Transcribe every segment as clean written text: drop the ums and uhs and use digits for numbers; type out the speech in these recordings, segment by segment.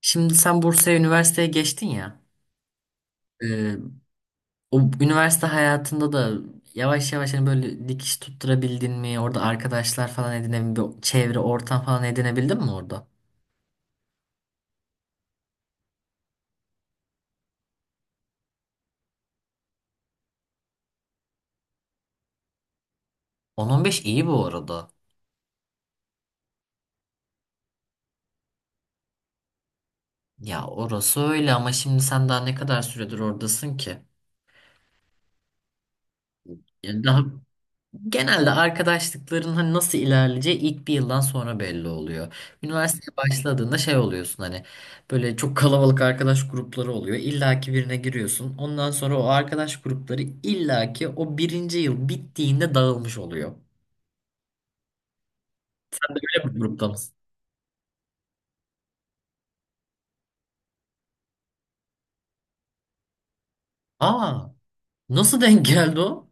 Şimdi sen Bursa'ya üniversiteye geçtin ya. e, O üniversite hayatında da yavaş yavaş hani böyle dikiş tutturabildin mi? Orada arkadaşlar falan edinebildin mi? Çevre, ortam falan edinebildin mi orada? 10-15 iyi bu arada. Ya orası öyle ama şimdi sen daha ne kadar süredir oradasın ki? Yani daha. Genelde arkadaşlıkların hani nasıl ilerleyeceği ilk bir yıldan sonra belli oluyor. Üniversiteye başladığında şey oluyorsun hani böyle çok kalabalık arkadaş grupları oluyor. İlla ki birine giriyorsun. Ondan sonra o arkadaş grupları illa ki o birinci yıl bittiğinde dağılmış oluyor. Sen de öyle bir grupta mısın? Aa, nasıl denk geldi o?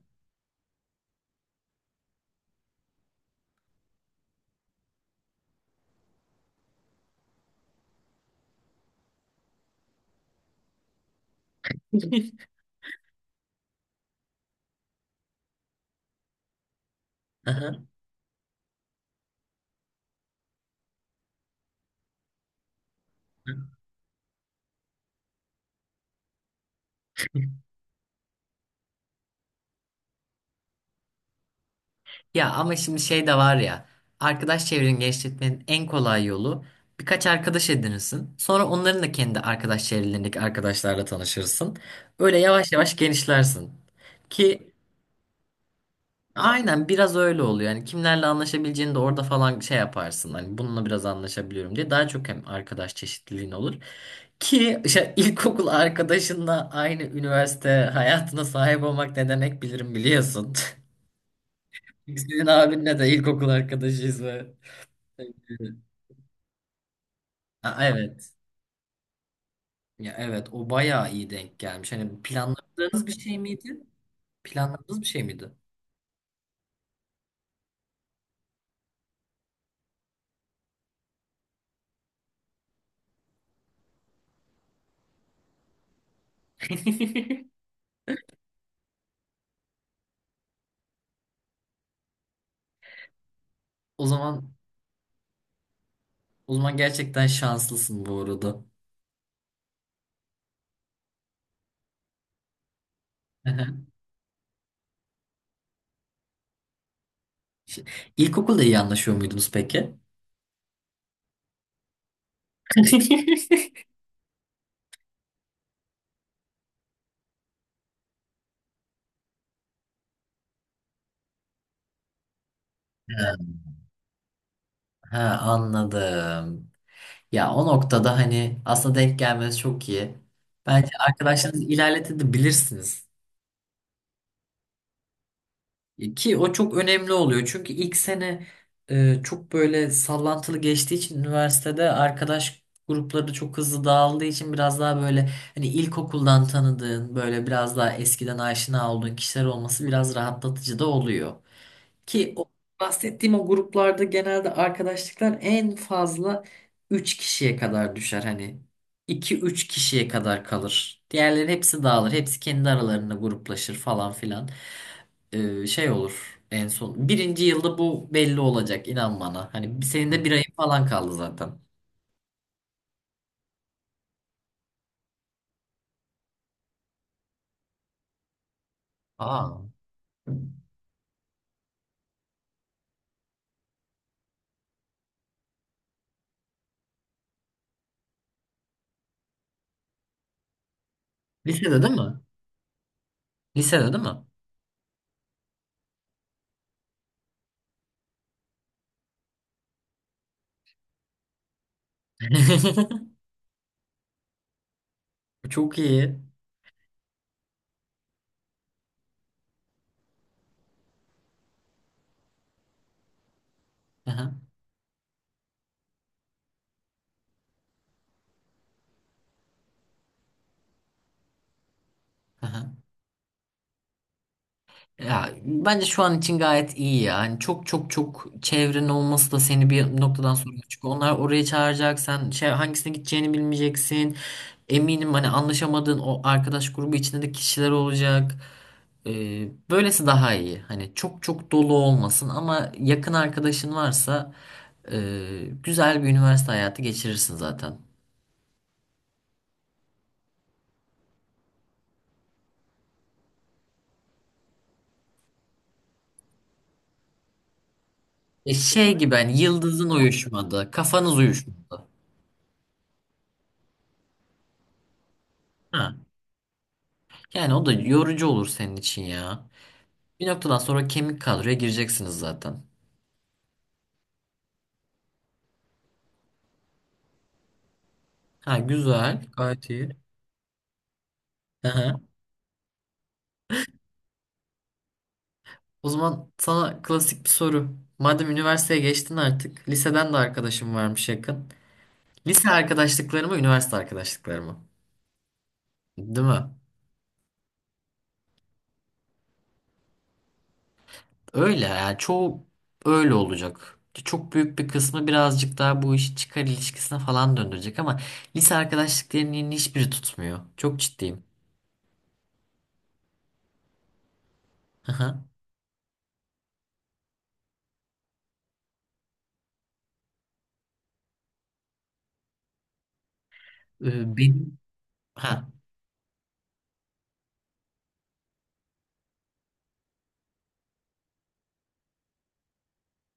Aha. Ya ama şimdi şey de var ya. Arkadaş çevreni genişletmenin en kolay yolu birkaç arkadaş edinirsin. Sonra onların da kendi arkadaş çevrelerindeki arkadaşlarla tanışırsın. Öyle yavaş yavaş genişlersin. Ki aynen biraz öyle oluyor. Yani kimlerle anlaşabileceğini de orada falan şey yaparsın. Hani bununla biraz anlaşabiliyorum diye. Daha çok hem arkadaş çeşitliliğin olur. Ki işte ilkokul arkadaşınla aynı üniversite hayatına sahip olmak ne demek bilirim biliyorsun. Senin abinle de ilkokul arkadaşıyız ve. Ha, evet. Ya evet, o bayağı iyi denk gelmiş. Hani planladığınız bir şey miydi? Planladığınız bir şey miydi? O zaman. O zaman gerçekten şanslısın bu arada. Şey- İlkokulda iyi anlaşıyor muydunuz peki? Ha, ha, anladım. Ya o noktada hani aslında denk gelmesi çok iyi. Bence arkadaşlarınızı ilerletebilirsiniz. Ki o çok önemli oluyor. Çünkü ilk sene çok böyle sallantılı geçtiği için üniversitede arkadaş grupları çok hızlı dağıldığı için biraz daha böyle hani ilkokuldan tanıdığın böyle biraz daha eskiden aşina olduğun kişiler olması biraz rahatlatıcı da oluyor. Ki o bahsettiğim o gruplarda genelde arkadaşlıklar en fazla 3 kişiye kadar düşer. Hani iki üç kişiye kadar kalır. Diğerleri hepsi dağılır. Hepsi kendi aralarında gruplaşır falan filan. Şey olur en son. Birinci yılda bu belli olacak, inan bana. Hani senin de bir ayın falan kaldı zaten. Aa. Lisede değil mi? Lisede değil mi? Çok iyi. Aha, aha. Ya bence şu an için gayet iyi ya. Hani çok çok çok çevrenin olması da seni bir noktadan sonra, çünkü onlar oraya çağıracak. Sen şey hangisine gideceğini bilmeyeceksin. Eminim hani anlaşamadığın o arkadaş grubu içinde de kişiler olacak. Böylesi daha iyi. Hani çok çok dolu olmasın ama yakın arkadaşın varsa güzel bir üniversite hayatı geçirirsin zaten. Şey gibi hani yıldızın uyuşmadı, kafanız uyuşmadı. Ha. Yani o da yorucu olur senin için ya. Bir noktadan sonra kemik kadroya gireceksiniz zaten. Ha, güzel. Gayet iyi. Aha. O zaman sana klasik bir soru. Madem üniversiteye geçtin artık. Liseden de arkadaşım varmış, yakın. Lise arkadaşlıkları mı, üniversite arkadaşlıkları mı? Değil mi? Öyle yani, çoğu öyle olacak. Çok büyük bir kısmı birazcık daha bu işi çıkar ilişkisine falan döndürecek ama lise arkadaşlıklarının hiçbiri tutmuyor. Çok ciddiyim. Aha. Benim, ha.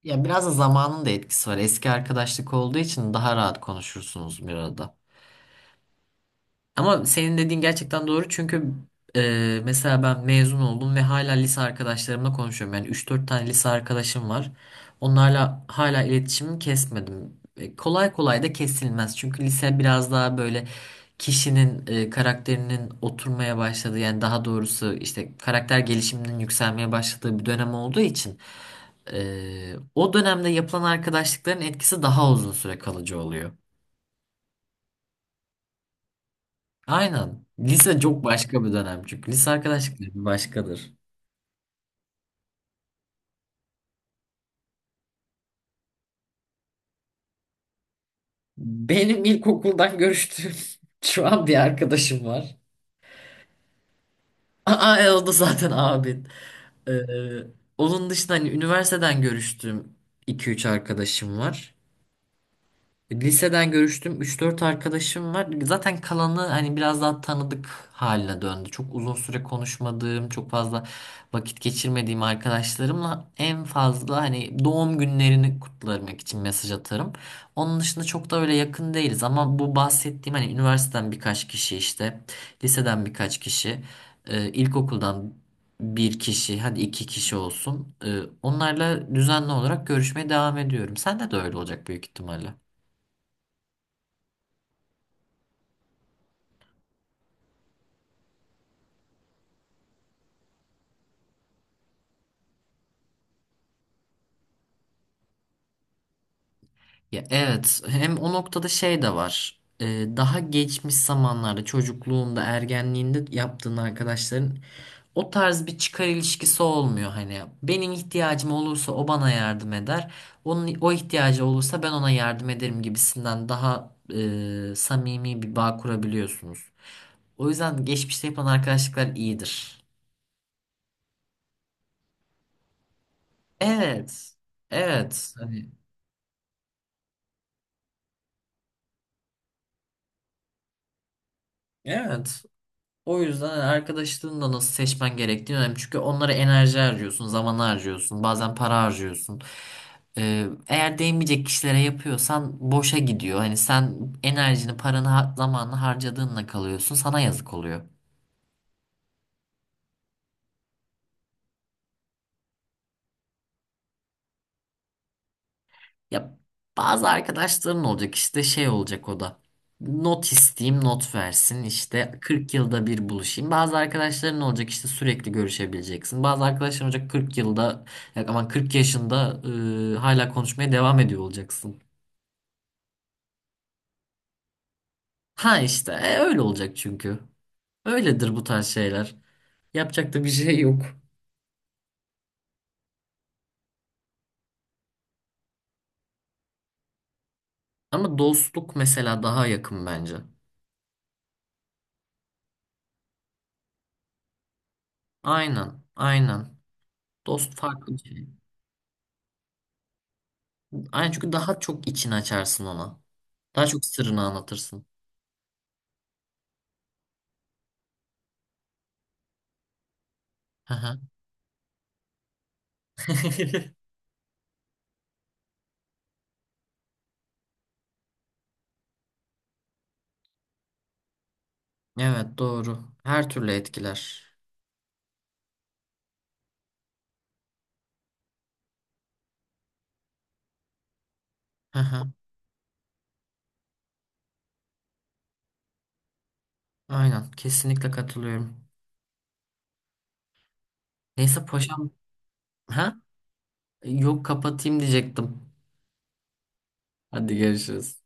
Ya biraz da zamanın da etkisi var. Eski arkadaşlık olduğu için daha rahat konuşursunuz bir arada. Ama senin dediğin gerçekten doğru, çünkü mesela ben mezun oldum ve hala lise arkadaşlarımla konuşuyorum. Yani üç dört tane lise arkadaşım var. Onlarla hala iletişimimi kesmedim. Kolay kolay da kesilmez. Çünkü lise biraz daha böyle kişinin karakterinin oturmaya başladığı, yani daha doğrusu işte karakter gelişiminin yükselmeye başladığı bir dönem olduğu için o dönemde yapılan arkadaşlıkların etkisi daha uzun süre kalıcı oluyor. Aynen. Lise çok başka bir dönem çünkü. Lise arkadaşlıkları bir başkadır. Benim ilkokuldan görüştüğüm şu an bir arkadaşım var. Aa, o da zaten abin. Ee, Onun dışında hani üniversiteden görüştüğüm iki üç arkadaşım var. Liseden görüştüm. Üç dört arkadaşım var. Zaten kalanı hani biraz daha tanıdık haline döndü. Çok uzun süre konuşmadığım, çok fazla vakit geçirmediğim arkadaşlarımla en fazla hani doğum günlerini kutlamak için mesaj atarım. Onun dışında çok da öyle yakın değiliz ama bu bahsettiğim hani üniversiteden birkaç kişi işte, liseden birkaç kişi, ilkokuldan bir kişi, hadi iki kişi olsun. Onlarla düzenli olarak görüşmeye devam ediyorum. Sende de öyle olacak büyük ihtimalle. Ya evet, hem o noktada şey de var. Daha geçmiş zamanlarda çocukluğunda ergenliğinde yaptığın arkadaşların o tarz bir çıkar ilişkisi olmuyor. Hani benim ihtiyacım olursa o bana yardım eder, onun o ihtiyacı olursa ben ona yardım ederim gibisinden daha samimi bir bağ kurabiliyorsunuz. O yüzden geçmişte yapılan arkadaşlıklar iyidir. Evet. Evet. Hani evet. O yüzden hani arkadaşlığını da nasıl seçmen gerektiği önemli. Çünkü onlara enerji harcıyorsun, zaman harcıyorsun, bazen para harcıyorsun. Eğer değmeyecek kişilere yapıyorsan boşa gidiyor. Hani sen enerjini, paranı, zamanını harcadığınla kalıyorsun. Sana yazık oluyor. Ya bazı arkadaşların olacak, işte şey olacak o da. Not isteyeyim, not versin, işte 40 yılda bir buluşayım. Bazı arkadaşların olacak işte sürekli görüşebileceksin. Bazı arkadaşların olacak 40 yılda, ya aman 40 yaşında hala konuşmaya devam ediyor olacaksın. Ha işte öyle olacak çünkü. Öyledir bu tarz şeyler. Yapacak da bir şey yok. Ama dostluk mesela daha yakın bence. Aynen aynen. Dost farklı bir şey. Aynen, çünkü daha çok için açarsın ona. Daha çok sırrını anlatırsın. Hı hı. Evet, doğru. Her türlü etkiler. Hı hı. Aynen. Kesinlikle katılıyorum. Neyse paşam. Ha? Yok, kapatayım diyecektim. Hadi görüşürüz.